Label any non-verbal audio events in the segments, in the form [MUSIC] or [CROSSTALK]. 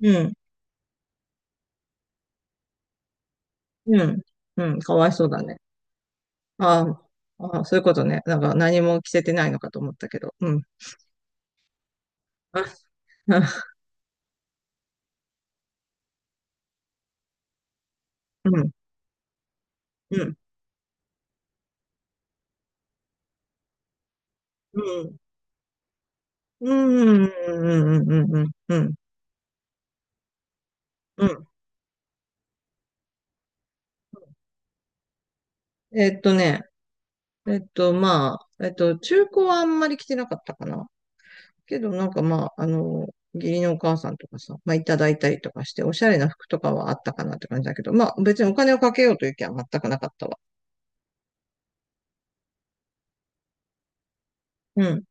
うん、うん、うん、かわいそうだね。あーあー、そういうことね。なんか何も着せてないのかと思ったけど。うん。あ、あうん、うん、うん、うん、うん、うん、うん、うん、うん。うんえっとね、えっと、まあ、中古はあんまり着てなかったかな。けど、なんかまあ、義理のお母さんとかさ、まあ、いただいたりとかして、おしゃれな服とかはあったかなって感じだけど、まあ、別にお金をかけようという気は全くなかったわ。うん、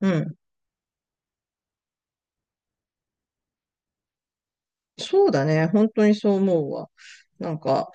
うん。そうだね。本当にそう思うわ。なんか、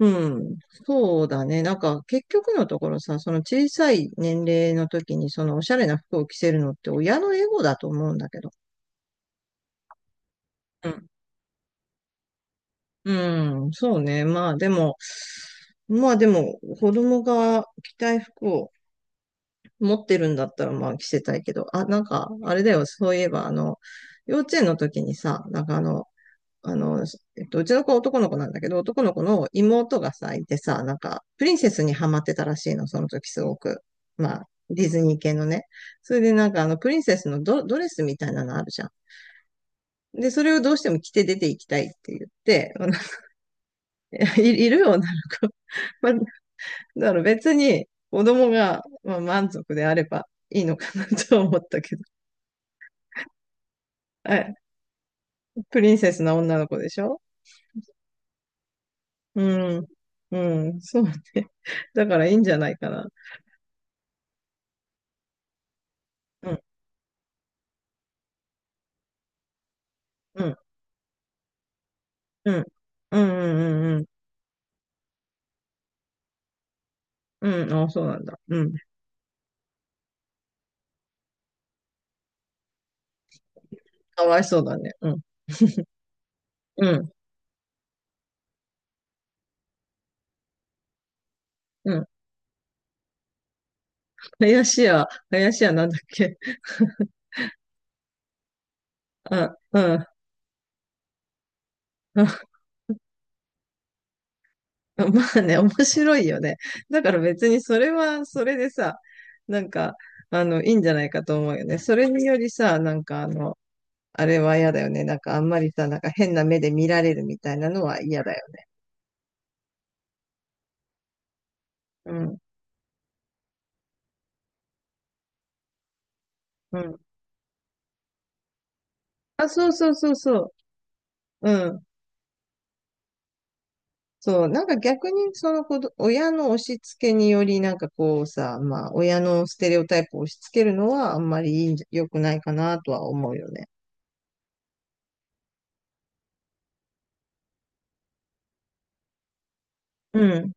うん、そうだね。なんか、結局のところさ、その小さい年齢の時に、そのおしゃれな服を着せるのって親のエゴだと思うんだけど。うん、うん、そうね。まあでも、子供が着たい服を持ってるんだったら、まあ着せたいけど、あ、なんか、あれだよ、そういえば、幼稚園の時にさ、なんかあの、うちの子は男の子なんだけど、男の子の妹がさ、いてさ、なんか、プリンセスにハマってたらしいの、その時すごく。まあ、ディズニー系のね。それでなんか、プリンセスのドレスみたいなのあるじゃん。で、それをどうしても着て出ていきたいって言って、[LAUGHS] いる女の子。[LAUGHS] まあ、だから別に子供が、まあ、満足であればいいのかな [LAUGHS] と思ったけど。え、プリンセスな女の子でしょ？うん。うん、そうね。だからいいんじゃないかな。うんうん、うん、うん、うん、うん、うん、うんあ、そうなんだ。うん。かわいそうだね。うん、うん、うん。林家、林家なんだっけ。[LAUGHS] あ、うん。あ [LAUGHS] まあね、面白いよね。だから別にそれはそれでさ、なんか、いいんじゃないかと思うよね。それによりさ、なんかあれは嫌だよね。なんかあんまりさ、なんか変な目で見られるみたいなのは嫌だよね。うん、うん。あ、そうそうそうそう。うん。そう、なんか逆にその子ど、親の押し付けにより、なんかこうさ、まあ、親のステレオタイプを押し付けるのはあんまりいいんじゃ良くないかなとは思うよね。うん、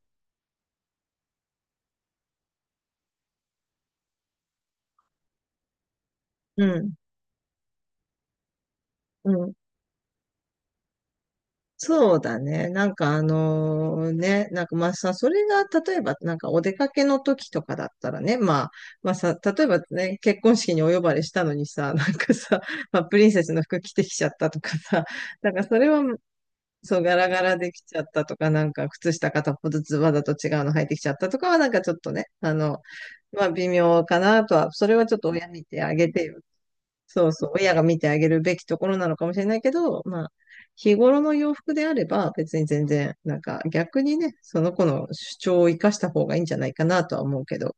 うん、うん。そうだね。なんかまあさ、それが例えばなんかお出かけの時とかだったらね、まあさ、例えばね、結婚式にお呼ばれしたのにさ、なんかさ、まあ、プリンセスの服着てきちゃったとかさ、なんかそれはそう、ガラガラできちゃったとか、なんか、靴下片方ずつわざと違うの履いてきちゃったとかは、なんかちょっとね、まあ、微妙かなとは、それはちょっと親見てあげてよ。そうそう、親が見てあげるべきところなのかもしれないけど、まあ、日頃の洋服であれば、別に全然、なんか、逆にね、その子の主張を生かした方がいいんじゃないかなとは思うけど。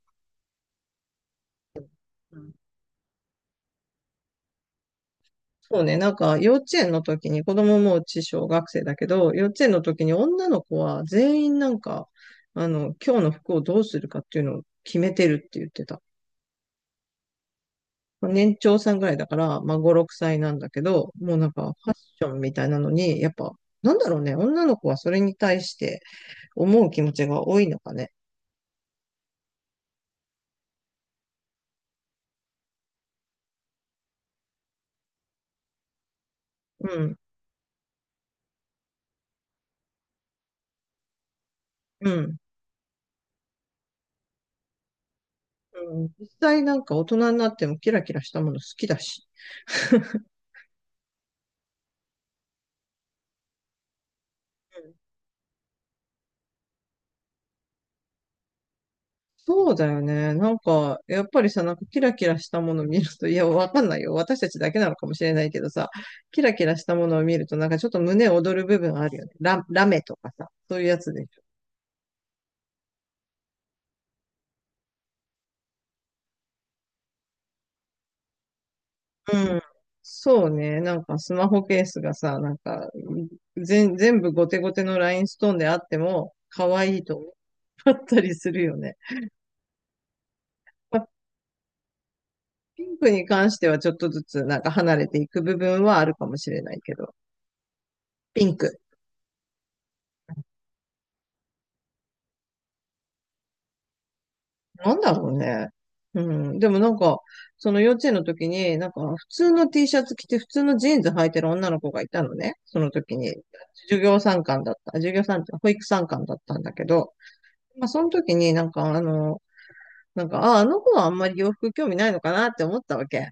そうね、なんか幼稚園の時に、子供もうち小学生だけど、幼稚園の時に女の子は全員なんか、今日の服をどうするかっていうのを決めてるって言ってた。まあ年長さんぐらいだから、まあ5、6歳なんだけど、もうなんかファッションみたいなのに、やっぱ、なんだろうね、女の子はそれに対して思う気持ちが多いのかね。うん、うん、うん。実際なんか大人になってもキラキラしたもの好きだし。[LAUGHS] そうだよね。なんか、やっぱりさ、なんかキラキラしたもの見ると、いや、わかんないよ。私たちだけなのかもしれないけどさ、キラキラしたものを見ると、なんかちょっと胸躍る部分あるよね。ラメとかさ、そういうやつでしょ。うん。そうね。なんかスマホケースがさ、なんか、全部ゴテゴテのラインストーンであっても、可愛いと思ったりするよね。まあ、ピンクに関してはちょっとずつなんか離れていく部分はあるかもしれないけど、ピンク。なんだろうね。うん。でもなんか、その幼稚園の時に、なんか普通の T シャツ着て普通のジーンズ履いてる女の子がいたのね。その時に、授業参観だった。授業参観、保育参観だったんだけど、まあその時になんかあ、あの子はあんまり洋服興味ないのかなって思ったわけ。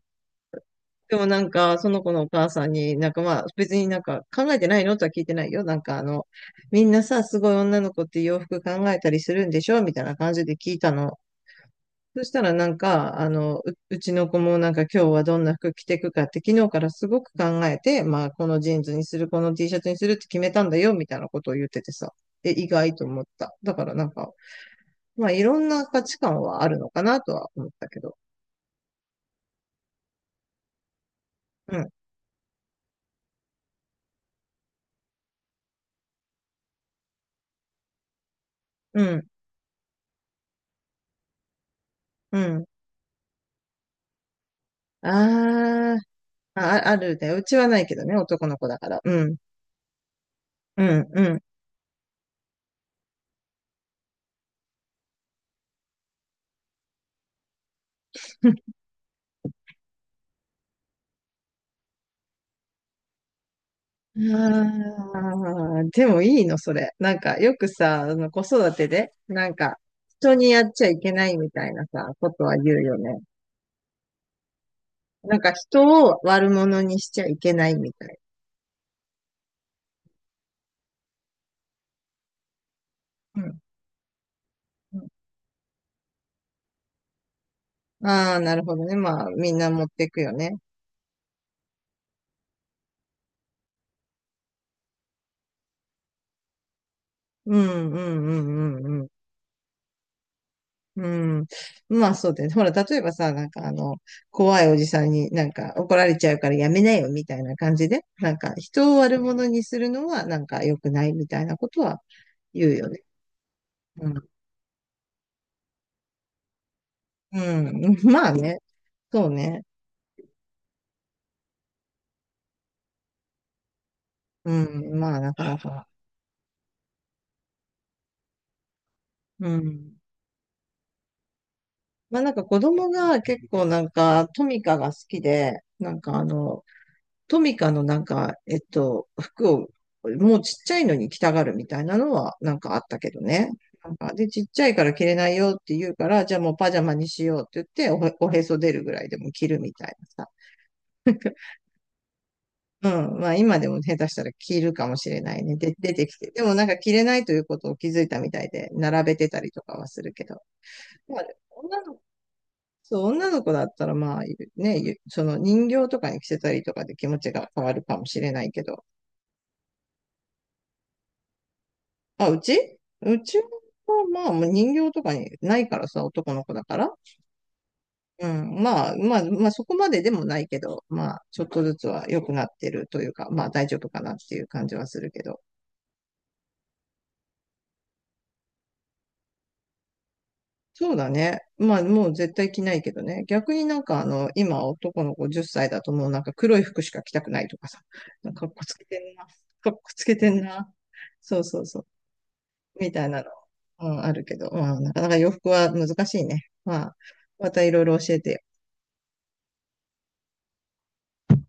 でもなんか、その子のお母さんになんかまあ別になんか考えてないのとは聞いてないよ。なんかみんなさ、すごい女の子って洋服考えたりするんでしょみたいな感じで聞いたの。そしたらなんか、うちの子もなんか今日はどんな服着てくかって昨日からすごく考えて、まあこのジーンズにする、この T シャツにするって決めたんだよみたいなことを言っててさ、え、意外と思った。だからなんか、まあいろんな価値観はあるのかなとは思ったけど。うん、うん、うん。あーあ、ああるね。うちはないけどね、男の子だから。うん、うん、うん。ああ、でもいいの、それ。なんか、よくさ、子育てで、なんか、人にやっちゃいけないみたいなさ、ことは言うよね。なんか、人を悪者にしちゃいけないみたい。うん。うん。ああ、なるほどね。まあ、みんな持っていくよね。うん、うん、うん、うん、うん。まあそうだよね。ほら、例えばさ、なんか怖いおじさんになんか怒られちゃうからやめなよみたいな感じで、なんか人を悪者にするのはなんか良くないみたいなことは言うよね。うん。うん。[LAUGHS] まあね。そうね。うん。まあなかなか。うん。まあなんか子供が結構なんかトミカが好きで、なんかトミカのなんか、服を、もうちっちゃいのに着たがるみたいなのはなんかあったけどね。なんか、で、ちっちゃいから着れないよって言うから、じゃあもうパジャマにしようって言っておへそ出るぐらいでも着るみたいなさ。うん。まあ今でも下手したら着るかもしれないね。で、出てきて。でもなんか着れないということを気づいたみたいで、並べてたりとかはするけど。まあ、女の子そう、女の子だったら、まあ、ね、ゆその人形とかに着せたりとかで気持ちが変わるかもしれないけど、あ、うちは、まあ、もう人形とかにないからさ、男の子だから。うん。まあ、そこまででもないけど、まあ、ちょっとずつは良くなってるというか、まあ、大丈夫かなっていう感じはするけど。そうだね。まあ、もう絶対着ないけどね。逆になんか、今、男の子10歳だともうなんか黒い服しか着たくないとかさ、なんかかっこつけてんな。かっこつけてんな。そうそうそう。みたいなの、うん、あるけど、まあ、なかなか洋服は難しいね。まあ、またいろいろ教えてよ。